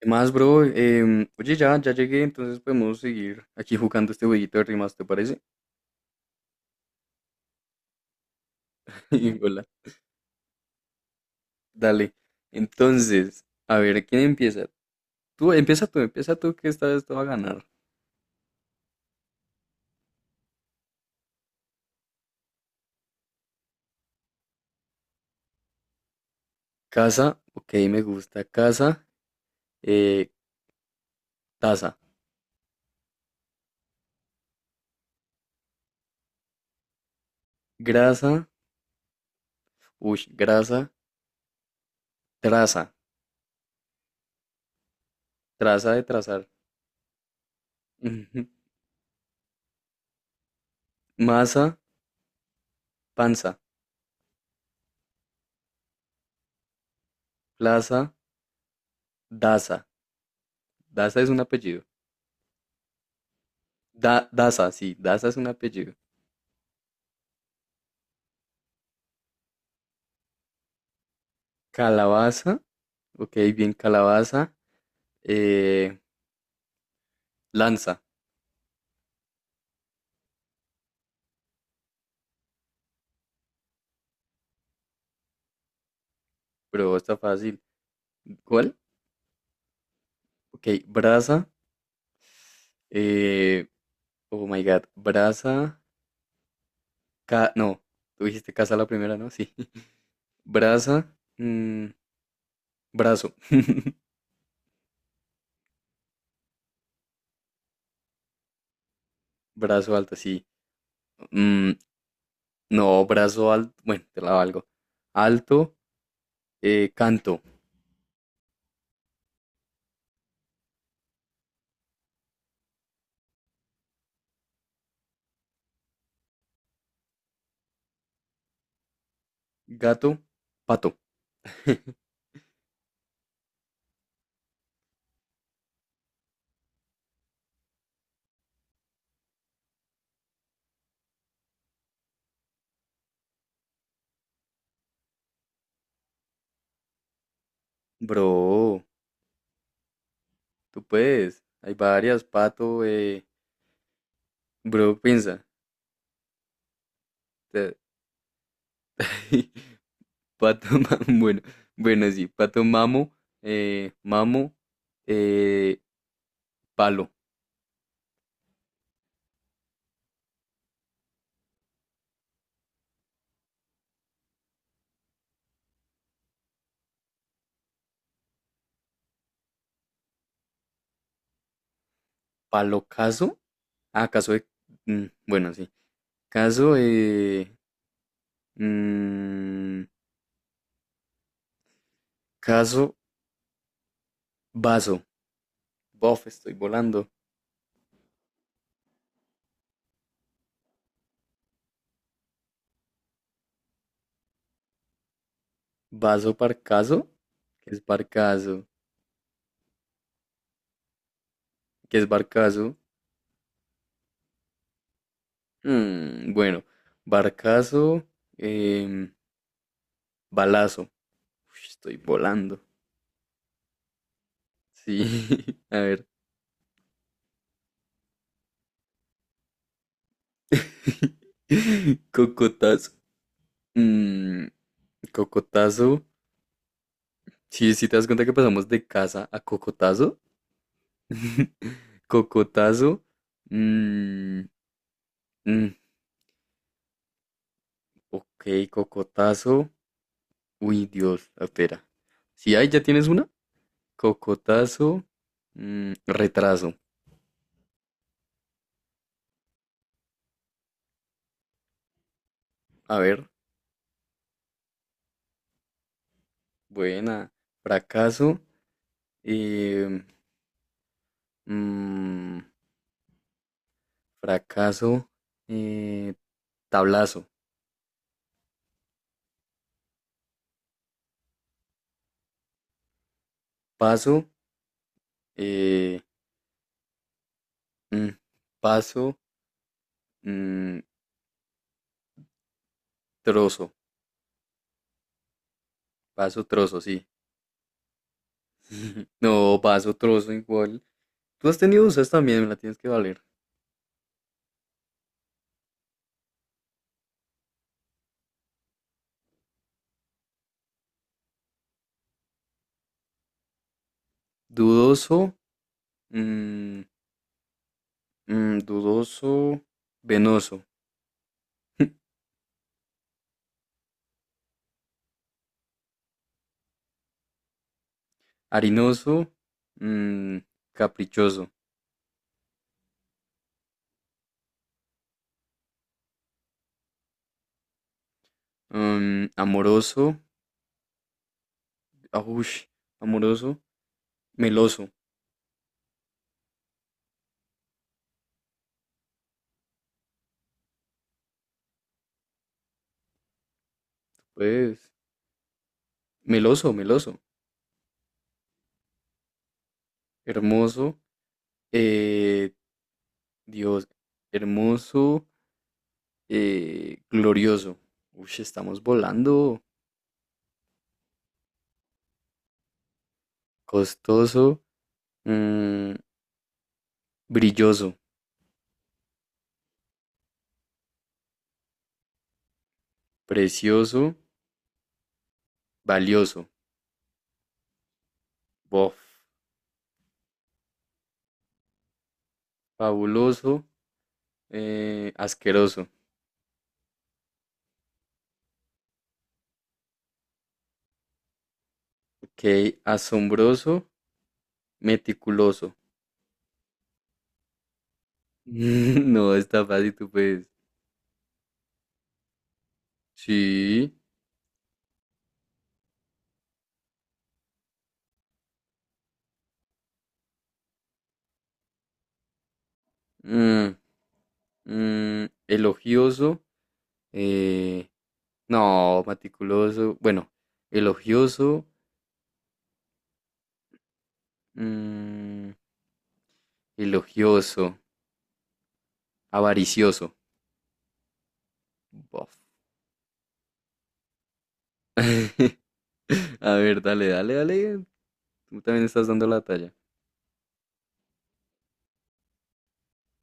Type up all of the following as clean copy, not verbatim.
¿Qué más, bro? Oye, ya llegué, entonces podemos seguir aquí jugando este jueguito de rimas, ¿te parece? Y hola, dale. Entonces, a ver, ¿quién empieza? Tú, empieza tú, que esta vez te va a ganar. Casa, ok, me gusta. Casa, eh, taza. Grasa, uy, traza, traza de trazar. Ujú. Masa, panza. Plaza, daza. Daza es un apellido. Daza, sí, daza es un apellido. Calabaza, ok, bien, calabaza. eh, lanza, pero está fácil. ¿Cuál? Ok, brasa. eh, oh my god, brasa. Ca no, tú dijiste casa la primera, ¿no? Sí. Brasa. mm, Brazo. Brazo alto, sí. Mm, no, brazo alto. Bueno, te la valgo. Alto, canto. Gato, pato. Bro, tú puedes. Hay varias, pato, bro, piensa. Te- Pato Mamo, bueno, sí, Pato Mamo, Mamo, eh, Palo, Palo Caso, ah, Caso de, mm, bueno, sí, Caso, mm, Caso, Vaso, bof, estoy volando, Vaso Parcaso, que es Barcaso, qué es Barcaso, Mm, bueno, Barcaso, em, Balazo, Uy, estoy volando, sí, a ver, Cocotazo. Mm, Cocotazo. Sí, sí te das cuenta que pasamos de casa a Cocotazo. Cocotazo. Mm, mm, ok, Cocotazo. Uy, Dios, espera. Si hay, ya tienes una. Cocotazo. Retraso. A ver, buena. Fracaso. eh, mm, Fracaso. eh, Tablazo. Paso. eh, mm, Paso. mm, Trozo. Vaso trozo, sí. No, vaso trozo igual. Tú has tenido usas también, me la tienes que valer. Dudoso, mm, dudoso, venoso, harinoso, mm, caprichoso, amoroso, ah, amoroso, meloso, pues, meloso, hermoso, eh, Dios, hermoso, glorioso. Uy, estamos volando. Costoso, Mm, brilloso, precioso, valioso, bof, fabuloso, asqueroso, ok, asombroso, meticuloso. No, está fácil, tú puedes. Sí, mm, elogioso, eh, no, meticuloso, bueno, elogioso, mm, elogioso, avaricioso, bof. A ver, dale, tú también estás dando la talla.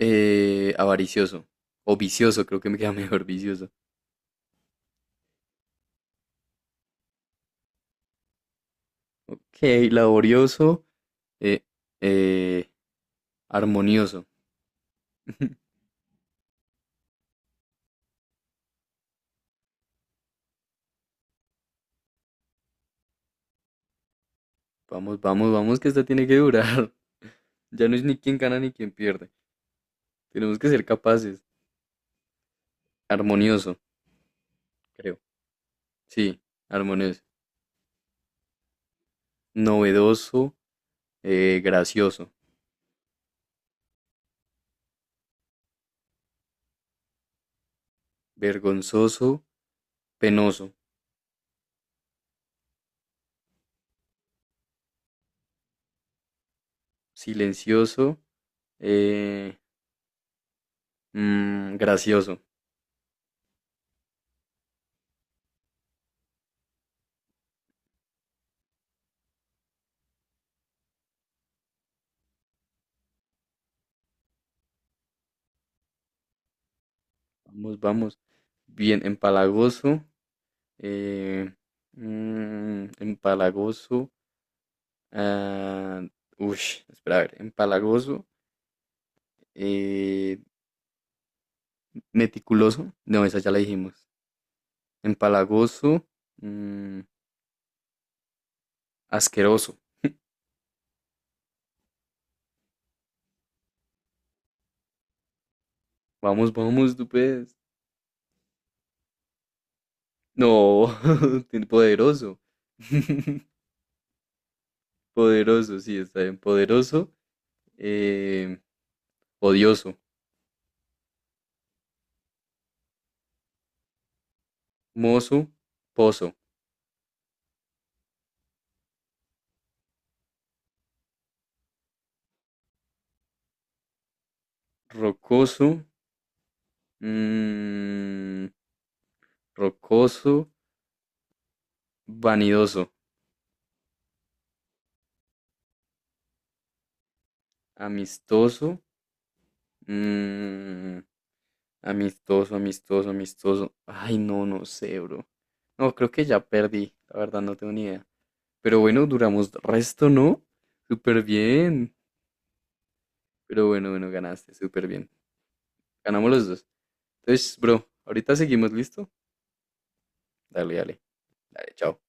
Avaricioso. O vicioso, creo que me queda mejor vicioso. Ok, laborioso. Eh, eh, Armonioso. Vamos, que esta tiene que durar. Ya no es ni quién gana ni quién pierde. Tenemos que ser capaces. Armonioso, creo. Sí, armonioso. Novedoso, gracioso. Vergonzoso, penoso. Silencioso, eh, gracioso. Vamos, vamos. Bien, empalagoso. eh, Empalagoso. ah, Ush, espera, a ver. Empalagoso. eh, Meticuloso. No, esa ya la dijimos. Empalagoso. mm, Asqueroso. Vamos, vamos, tú puedes. No, tiene poderoso. Poderoso, sí, está bien. Poderoso. eh, Odioso. Mozo. Pozo. Rocoso. mm, Rocoso, vanidoso, amistoso, mm, amistoso, amistoso. Ay, no, no sé, bro. No, creo que ya perdí, la verdad no tengo ni idea. Pero bueno, duramos resto, ¿no? Súper bien. Pero bueno, ganaste, súper bien. Ganamos los dos. Entonces, bro, ahorita seguimos, ¿listo? Dale, dale, Dale, chao.